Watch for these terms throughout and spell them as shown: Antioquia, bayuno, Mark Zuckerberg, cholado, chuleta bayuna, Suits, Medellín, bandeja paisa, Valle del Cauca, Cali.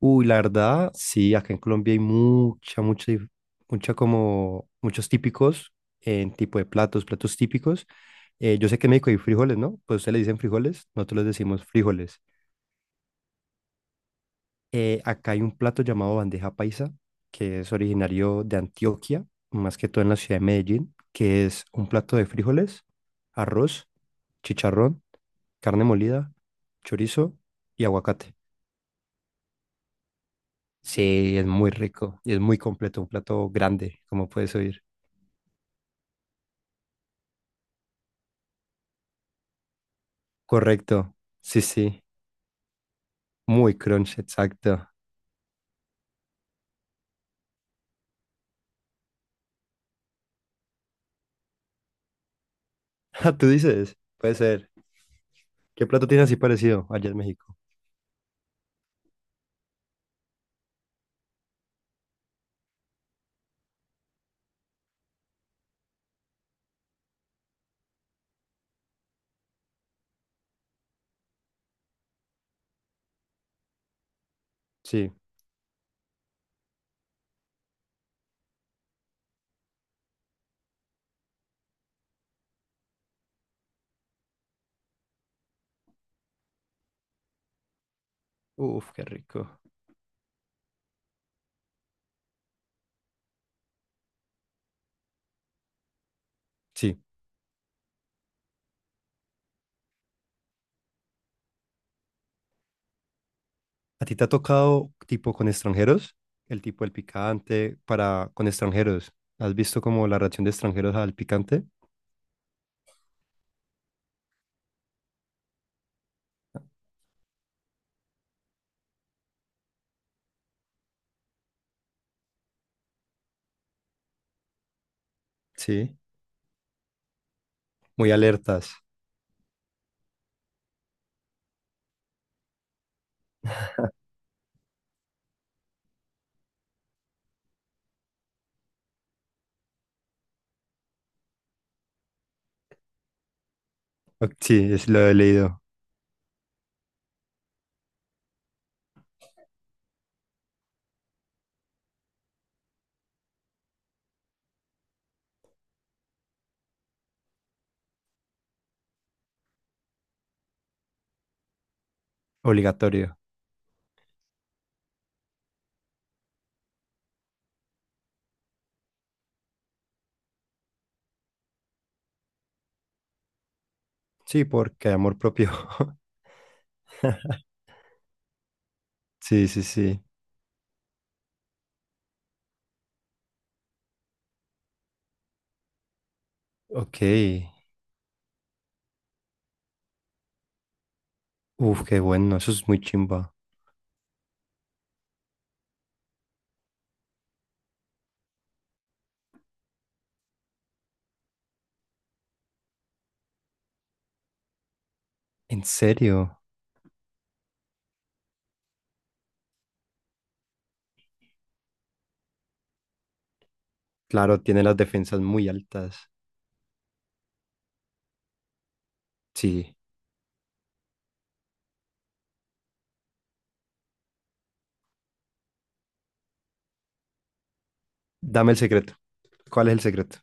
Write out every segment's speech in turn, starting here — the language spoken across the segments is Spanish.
Uy, la verdad, sí, acá en Colombia hay mucha como, muchos típicos en tipo de platos, platos típicos. Yo sé que en México hay frijoles, ¿no? Pues ustedes le dicen frijoles, nosotros les decimos frijoles. Acá hay un plato llamado bandeja paisa, que es originario de Antioquia, más que todo en la ciudad de Medellín, que es un plato de frijoles, arroz, chicharrón, carne molida, chorizo y aguacate. Sí, es muy rico y es muy completo, un plato grande, como puedes oír. Correcto. Sí, sí. Muy crunch, exacto. Ah, tú dices, puede ser. ¿Qué plato tiene así parecido allá en México? Sí. Uf, qué rico. Sí. ¿A ti te ha tocado tipo con extranjeros? El tipo del picante para con extranjeros. ¿Has visto como la reacción de extranjeros al picante? Sí. Muy alertas. Ok, sí, es lo he leído. Obligatorio. Sí, porque hay amor propio. Sí, sí, sí. Ok. Uf, qué bueno. Eso es muy chimba. ¿En serio? Claro, tiene las defensas muy altas. Sí. Dame el secreto. ¿Cuál es el secreto?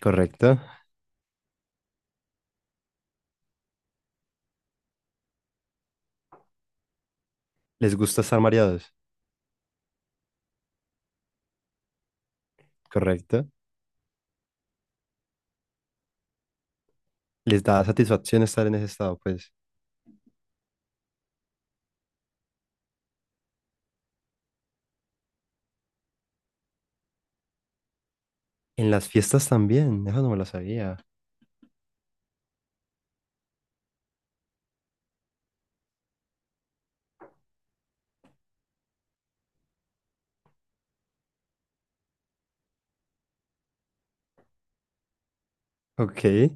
Correcto. ¿Les gusta estar mareados? Correcto. ¿Les da satisfacción estar en ese estado? Pues en las fiestas también. Eso no me lo sabía. Ok.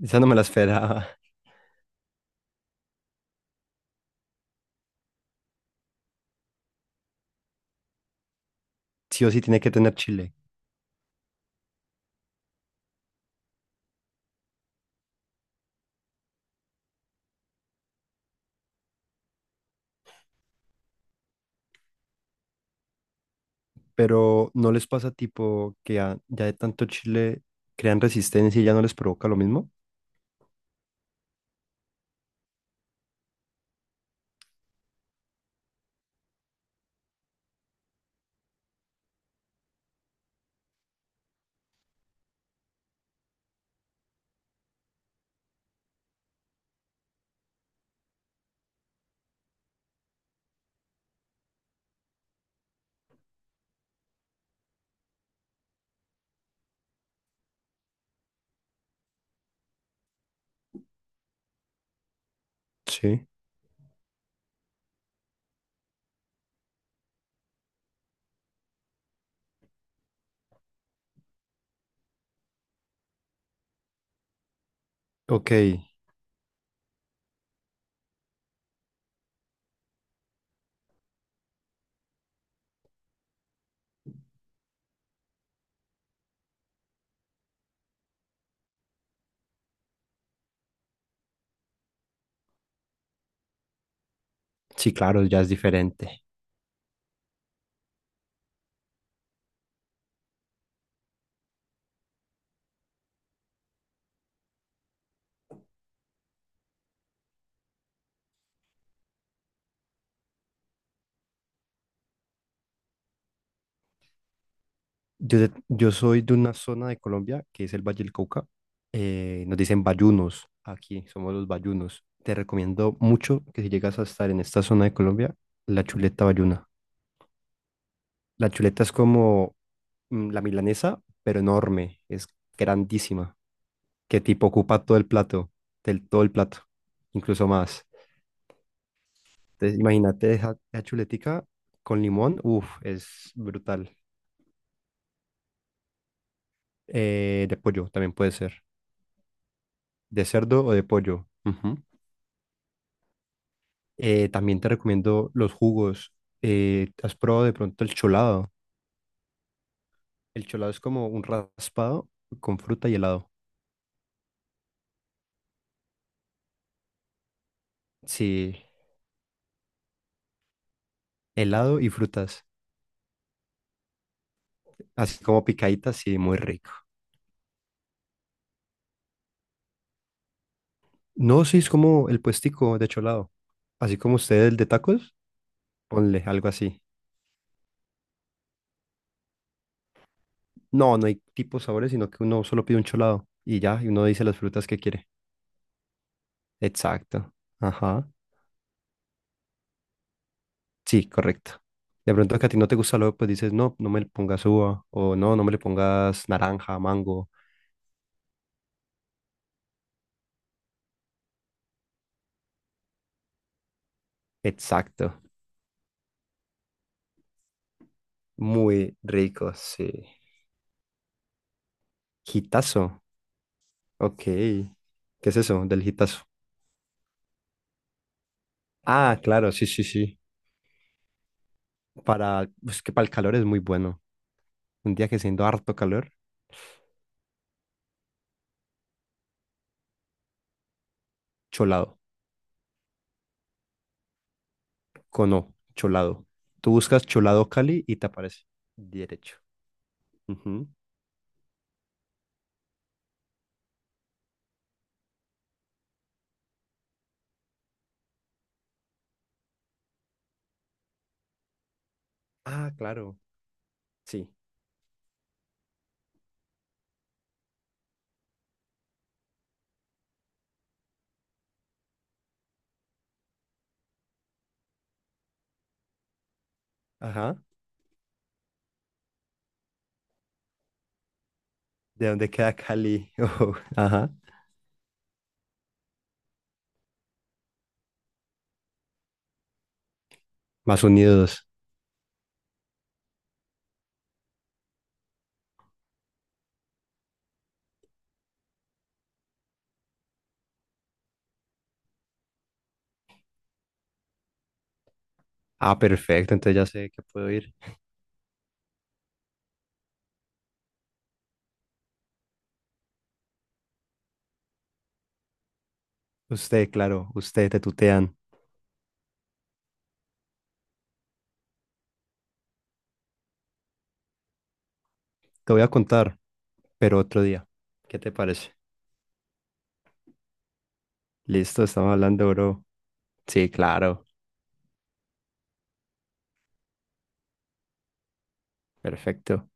Esa no me la esperaba. Sí o sí tiene que tener chile. Pero ¿no les pasa tipo que ya de tanto chile crean resistencia y ya no les provoca lo mismo? Sí. Ok. Sí, claro, ya es diferente. Yo soy de una zona de Colombia que es el Valle del Cauca. Nos dicen bayunos aquí, somos los bayunos. Te recomiendo mucho que si llegas a estar en esta zona de Colombia, la chuleta bayuna. La chuleta es como mm, la milanesa, pero enorme, es grandísima, que tipo ocupa todo el plato, del, todo el plato, incluso más. Entonces, imagínate esa chuletica con limón, uff, es brutal. De pollo también puede ser, de cerdo o de pollo. Ujú. También te recomiendo los jugos. ¿Has probado de pronto el cholado? El cholado es como un raspado con fruta y helado. Sí, helado y frutas. Así como picaditas, sí, muy rico. No, sí, es como el puestico de cholado. Así como usted el de tacos, ponle algo así. No, no hay tipos sabores, sino que uno solo pide un cholado y ya, y uno dice las frutas que quiere. Exacto. Ajá. Sí, correcto. De pronto que a ti no te gusta lo, pues dices, no, no me le pongas uva, o no, no me le pongas naranja, mango. Exacto. Muy rico, sí. Gitazo. Ok. ¿Qué es eso del gitazo? Ah, claro, sí, sí, sí. Para, pues que para el calor es muy bueno. Un día que siendo harto calor, cholado. Cono, cholado. Tú buscas cholado Cali y te aparece. Derecho. Ujú. Ah, claro. Sí. Ajá. ¿De dónde queda Cali? Ujú, ajá. Más unidos. Ah, perfecto, entonces ya sé que puedo ir. Usted, claro, usted, te tutean. Te voy a contar, pero otro día. ¿Qué te parece? Listo, estamos hablando, bro. Sí, claro. Perfecto.